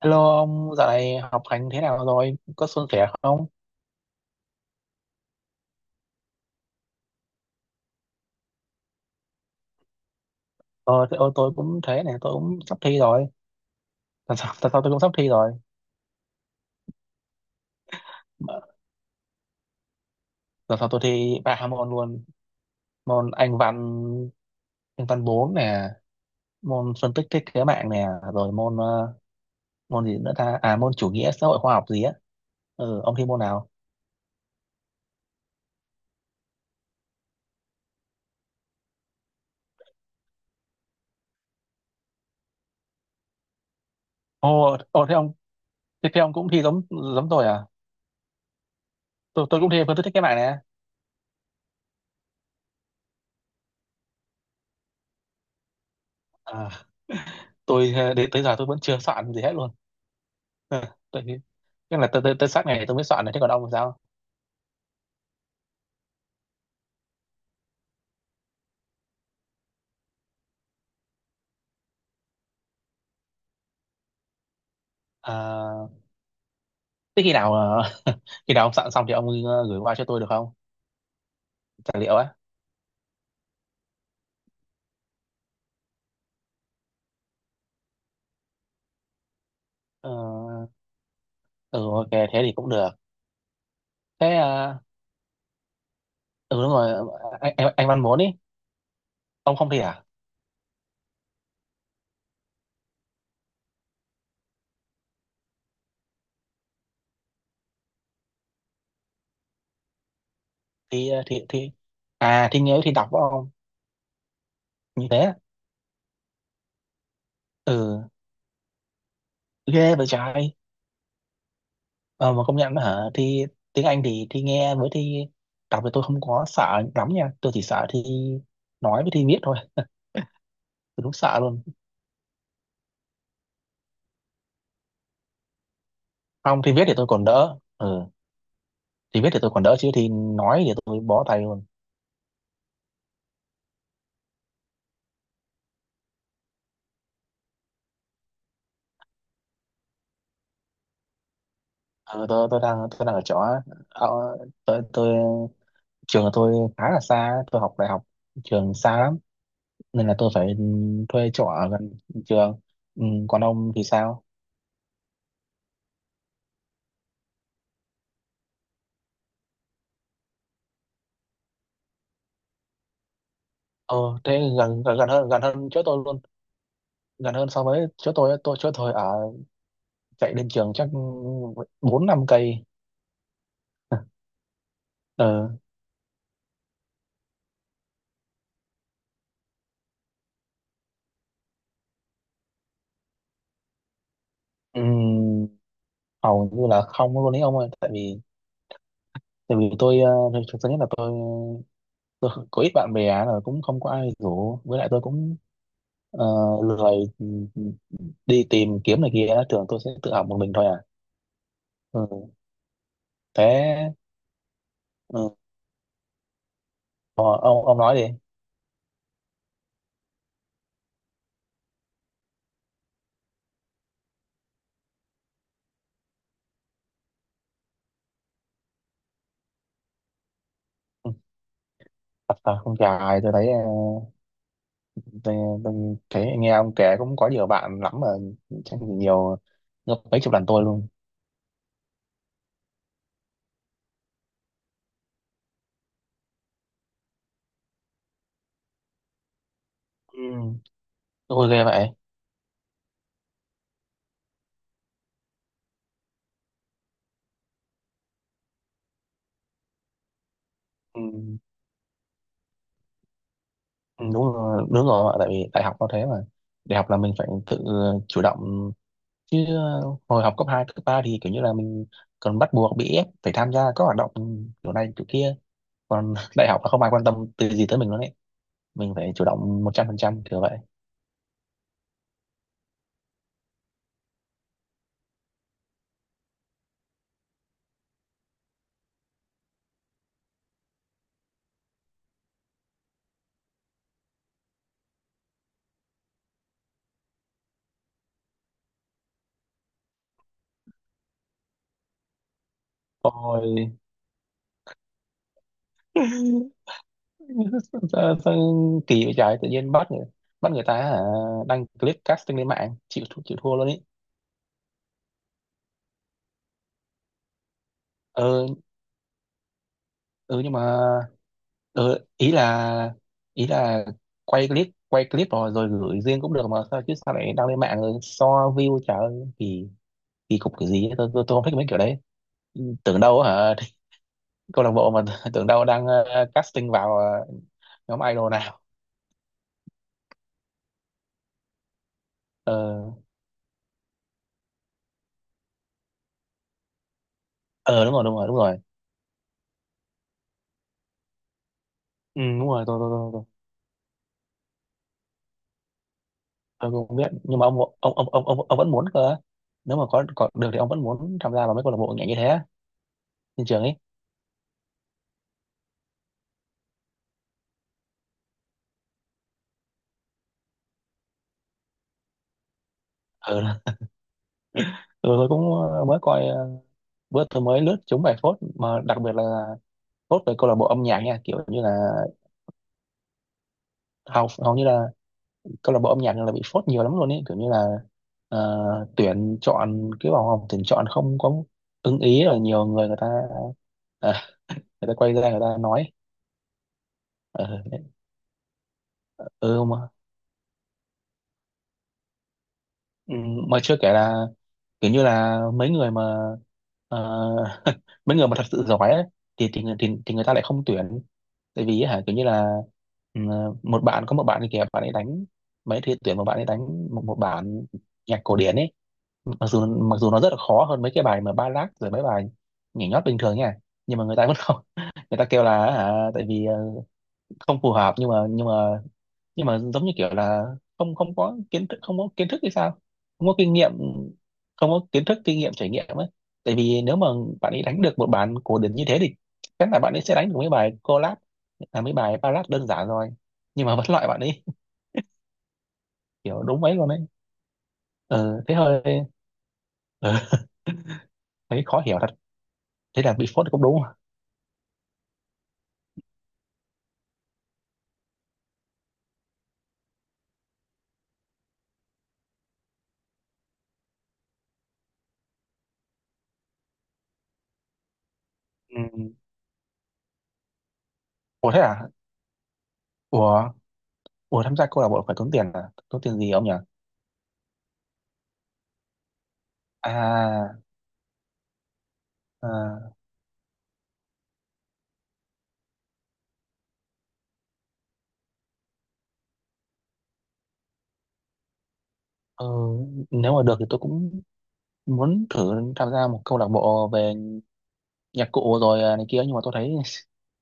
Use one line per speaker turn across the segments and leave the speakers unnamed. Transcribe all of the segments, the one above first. Hello ông, dạo này học hành thế nào rồi? Có suôn sẻ không? Thế, tôi cũng thế này, tôi cũng sắp thi rồi. Tuần sau tôi cũng sắp thi rồi. Mà- Tuần sau tôi thi ba môn luôn. Môn Anh văn 4 nè, môn phân tích thiết kế mạng nè, rồi môn gì nữa ta? À, môn chủ nghĩa xã hội khoa học gì á. Ừ, ông thi môn nào? Ồ, thế ông, cũng thi giống giống tôi à? Tôi cũng thi phân tích thiết kế mạng nè. À, tôi ờ, đến tới giờ tôi vẫn chưa soạn gì hết luôn. Tôi nhưng là tới tới tới sát ngày tôi mới soạn này, thế còn ông thì sao? À, thế khi nào khi nào ông soạn xong thì ông gửi qua cho tôi được không, tài liệu á? Ờ, ừ ok, thế thì cũng được. Thế, ừ đúng rồi, anh văn muốn ý, ông không thi à? Thi à, thi nếu thi đọc phải không? Như thế. Ừ, ghê vậy trời. Ờ, mà công nhận hả, thi tiếng Anh thì thi nghe với thi đọc thì tôi không có sợ lắm nha, tôi chỉ sợ thi nói với thi viết thôi. Tôi đúng sợ luôn. Không, thi viết thì tôi còn đỡ. Ừ, thì biết thì tôi còn đỡ, chứ thì nói thì tôi bó tay luôn. Ờ, tôi đang ở chỗ. Ờ, tôi Trường của tôi khá là xa, tôi học đại học, trường xa lắm nên là tôi phải thuê chỗ ở gần trường. Ừ, còn ông thì sao? Ờ, thế gần gần gần hơn chỗ tôi luôn, gần hơn so với chỗ tôi. Chỗ tôi ở, chạy đến trường chắc bốn năm cây. Ờ, ừm, hầu như là không luôn ấy ông ơi, tại vì tôi ờ, thực thực- thứ nhất là tôi có ít bạn bè, là cũng không có ai rủ, với lại tôi cũng ờ, lười, ừ, ừ, đi tìm kiếm này kia, thường tôi sẽ tự học một mình thôi à. Ừ. Thế. Ừ. ông nói đi. Ừ, thật là không dài tôi thấy, tôi, tôi thấy nghe ông kể cũng có nhiều bạn lắm mà, chắc nhiều gấp mấy chục lần tôi luôn. Ừ, tôi ghê vậy. Ừ. Ừ, đúng rồi, đúng rồi, tại vì đại học nó thế mà, đại học là mình phải tự chủ động chứ. Ờ, Hồi học cấp 2 cấp 3 thì kiểu như là mình còn bắt buộc bị ép phải tham gia các hoạt động kiểu này kiểu kia, còn đại học là không ai quan tâm từ gì tới mình luôn ấy, mình phải chủ động 100% kiểu vậy. Ôi, sao, sao kỳ vậy trời, tự nhiên bắt người ta hả, đăng clip casting lên mạng, chịu thua luôn ấy. Ờ, ừ, nhưng mà ờ, ý là ý là quay clip rồi rồi gửi riêng cũng được mà, sao chứ sao lại đăng lên mạng rồi so view, trời ơi, kỳ, kỳ cục cái gì ấy. Tôi không thích mấy kiểu đấy, tưởng đâu hả, câu lạc bộ mà tưởng đâu đang casting vào nhóm idol nào. Ờ ờ đúng rồi, đúng rồi, đúng rồi. Ừ, đúng rồi, tôi cũng không biết, nhưng mà ông vẫn muốn cơ. Nếu mà có được thì ông vẫn muốn tham gia vào mấy câu lạc bộ nhảy như thế á, trên trường ấy? Ừ. Ừ, tôi cũng mới coi bữa tôi mới lướt trúng bài phốt, mà đặc biệt là phốt về câu lạc bộ âm nhạc nha, kiểu như là hầu hầu như là câu lạc bộ âm nhạc là bị phốt nhiều lắm luôn ấy, kiểu như là tuyển chọn cái vòng họp tuyển chọn không có ưng ý rồi nhiều người, người ta à, người ta quay ra người ta nói. Ờ, ừ, mà ừ, mà chưa kể là kiểu như là mấy người mà ờ, mấy người mà thật sự giỏi ấy, thì người ta lại không tuyển, tại vì hả kiểu như là ừ, một bạn, có một bạn thì kìa bạn ấy đánh mấy thì tuyển, một bạn ấy đánh một bản nhạc cổ điển ấy, mặc dù nó rất là khó hơn mấy cái bài mà ballad rồi mấy bài nhảy nhót bình thường nha, nhưng mà người ta vẫn không, người ta kêu là hả, tại vì không phù hợp, nhưng mà giống như kiểu là không, không có kiến thức hay sao, không có kinh nghiệm, không có kiến thức kinh nghiệm trải nghiệm ấy, tại vì nếu mà bạn ấy đánh được một bản cổ điển như thế thì chắc là bạn ấy sẽ đánh được mấy bài collab, là mấy bài ballad đơn giản rồi, nhưng mà vẫn loại bạn ấy. Kiểu đúng mấy luôn ấy, ừ thế hơi, ừ, thấy khó hiểu thật, thế là bị phốt cũng đúng. Ừ. Ủa thế à? Ủa, ủa, tham gia câu lạc bộ phải tốn tiền à? Tốn tiền gì ông nhỉ? À, à, ừ, nếu mà được thì tôi cũng muốn thử tham gia một câu lạc bộ về nhạc cụ rồi à, này kia, nhưng mà tôi thấy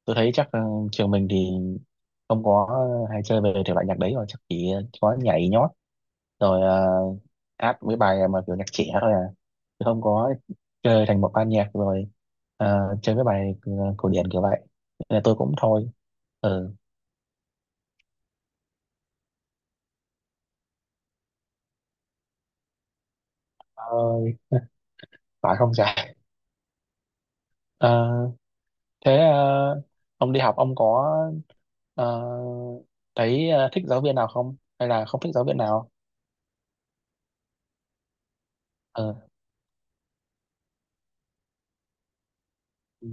tôi thấy chắc ừ, trường mình thì không có hay chơi về thể loại nhạc đấy rồi, chắc chỉ có nhảy nhót rồi à, hát mấy bài mà kiểu nhạc trẻ thôi à, chứ không có chơi thành một ban nhạc rồi à, chơi cái bài ừ, cổ điển kiểu vậy, nên là tôi cũng thôi. Ừ. Ơi. Phải không trời? Ờ, thế ông đi học ông có ờ, thấy thích giáo viên nào không? Hay là không thích giáo viên nào? Ờ. Ừ.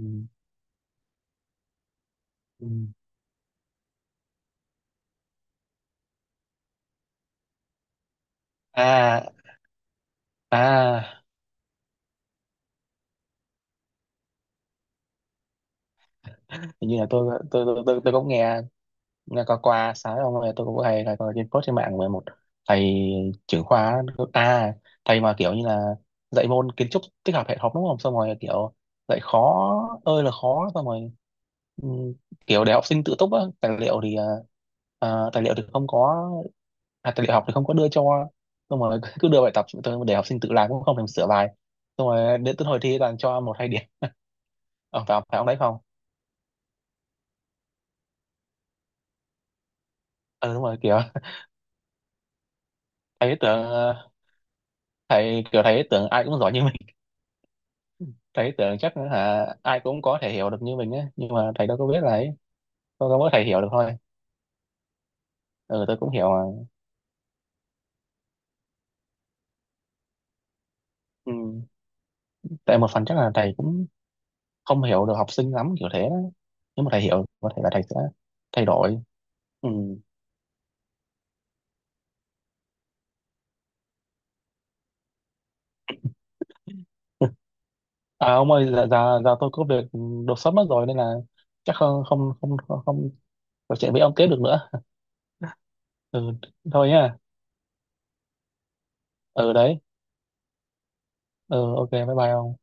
Ừ. À, à, hình như là tôi cũng nghe, nghe có qua sáng ông ơi, tôi cũng hay là coi trên post trên mạng về một thầy trưởng khoa, à thầy mà kiểu như là dạy môn kiến trúc tích hợp hệ thống đúng không, xong rồi kiểu dạy khó ơi là khó, xong rồi ừ, kiểu để học sinh tự túc á, tài liệu thì tài liệu thì không có, à, tài liệu học thì không có đưa cho, xong rồi cứ đưa bài tập tôi để học sinh tự làm cũng không thèm sửa bài, xong rồi đến tới hồi thi toàn cho một hai điểm, ông phải ông đấy không? Ừ đúng rồi kiểu, thấy tưởng thầy, kiểu thấy tưởng ai cũng giỏi như thầy, tưởng chắc hả ai cũng có thể hiểu được như mình á, nhưng mà thầy đâu có biết là ấy, có mỗi thầy hiểu được thôi. Ừ, tôi cũng hiểu mà. Ừ, tại một phần chắc là thầy cũng không hiểu được học sinh lắm, kiểu thế đó. Nếu mà thầy hiểu có thể là thầy sẽ thay đổi. Ừ. À ông ơi, giờ tôi có việc đột xuất mất rồi, nên là chắc không không không không, không trò chuyện với ông tiếp được nữa. Ừ, thôi nhá. Ừ đấy. Ừ ok, bye bye ông.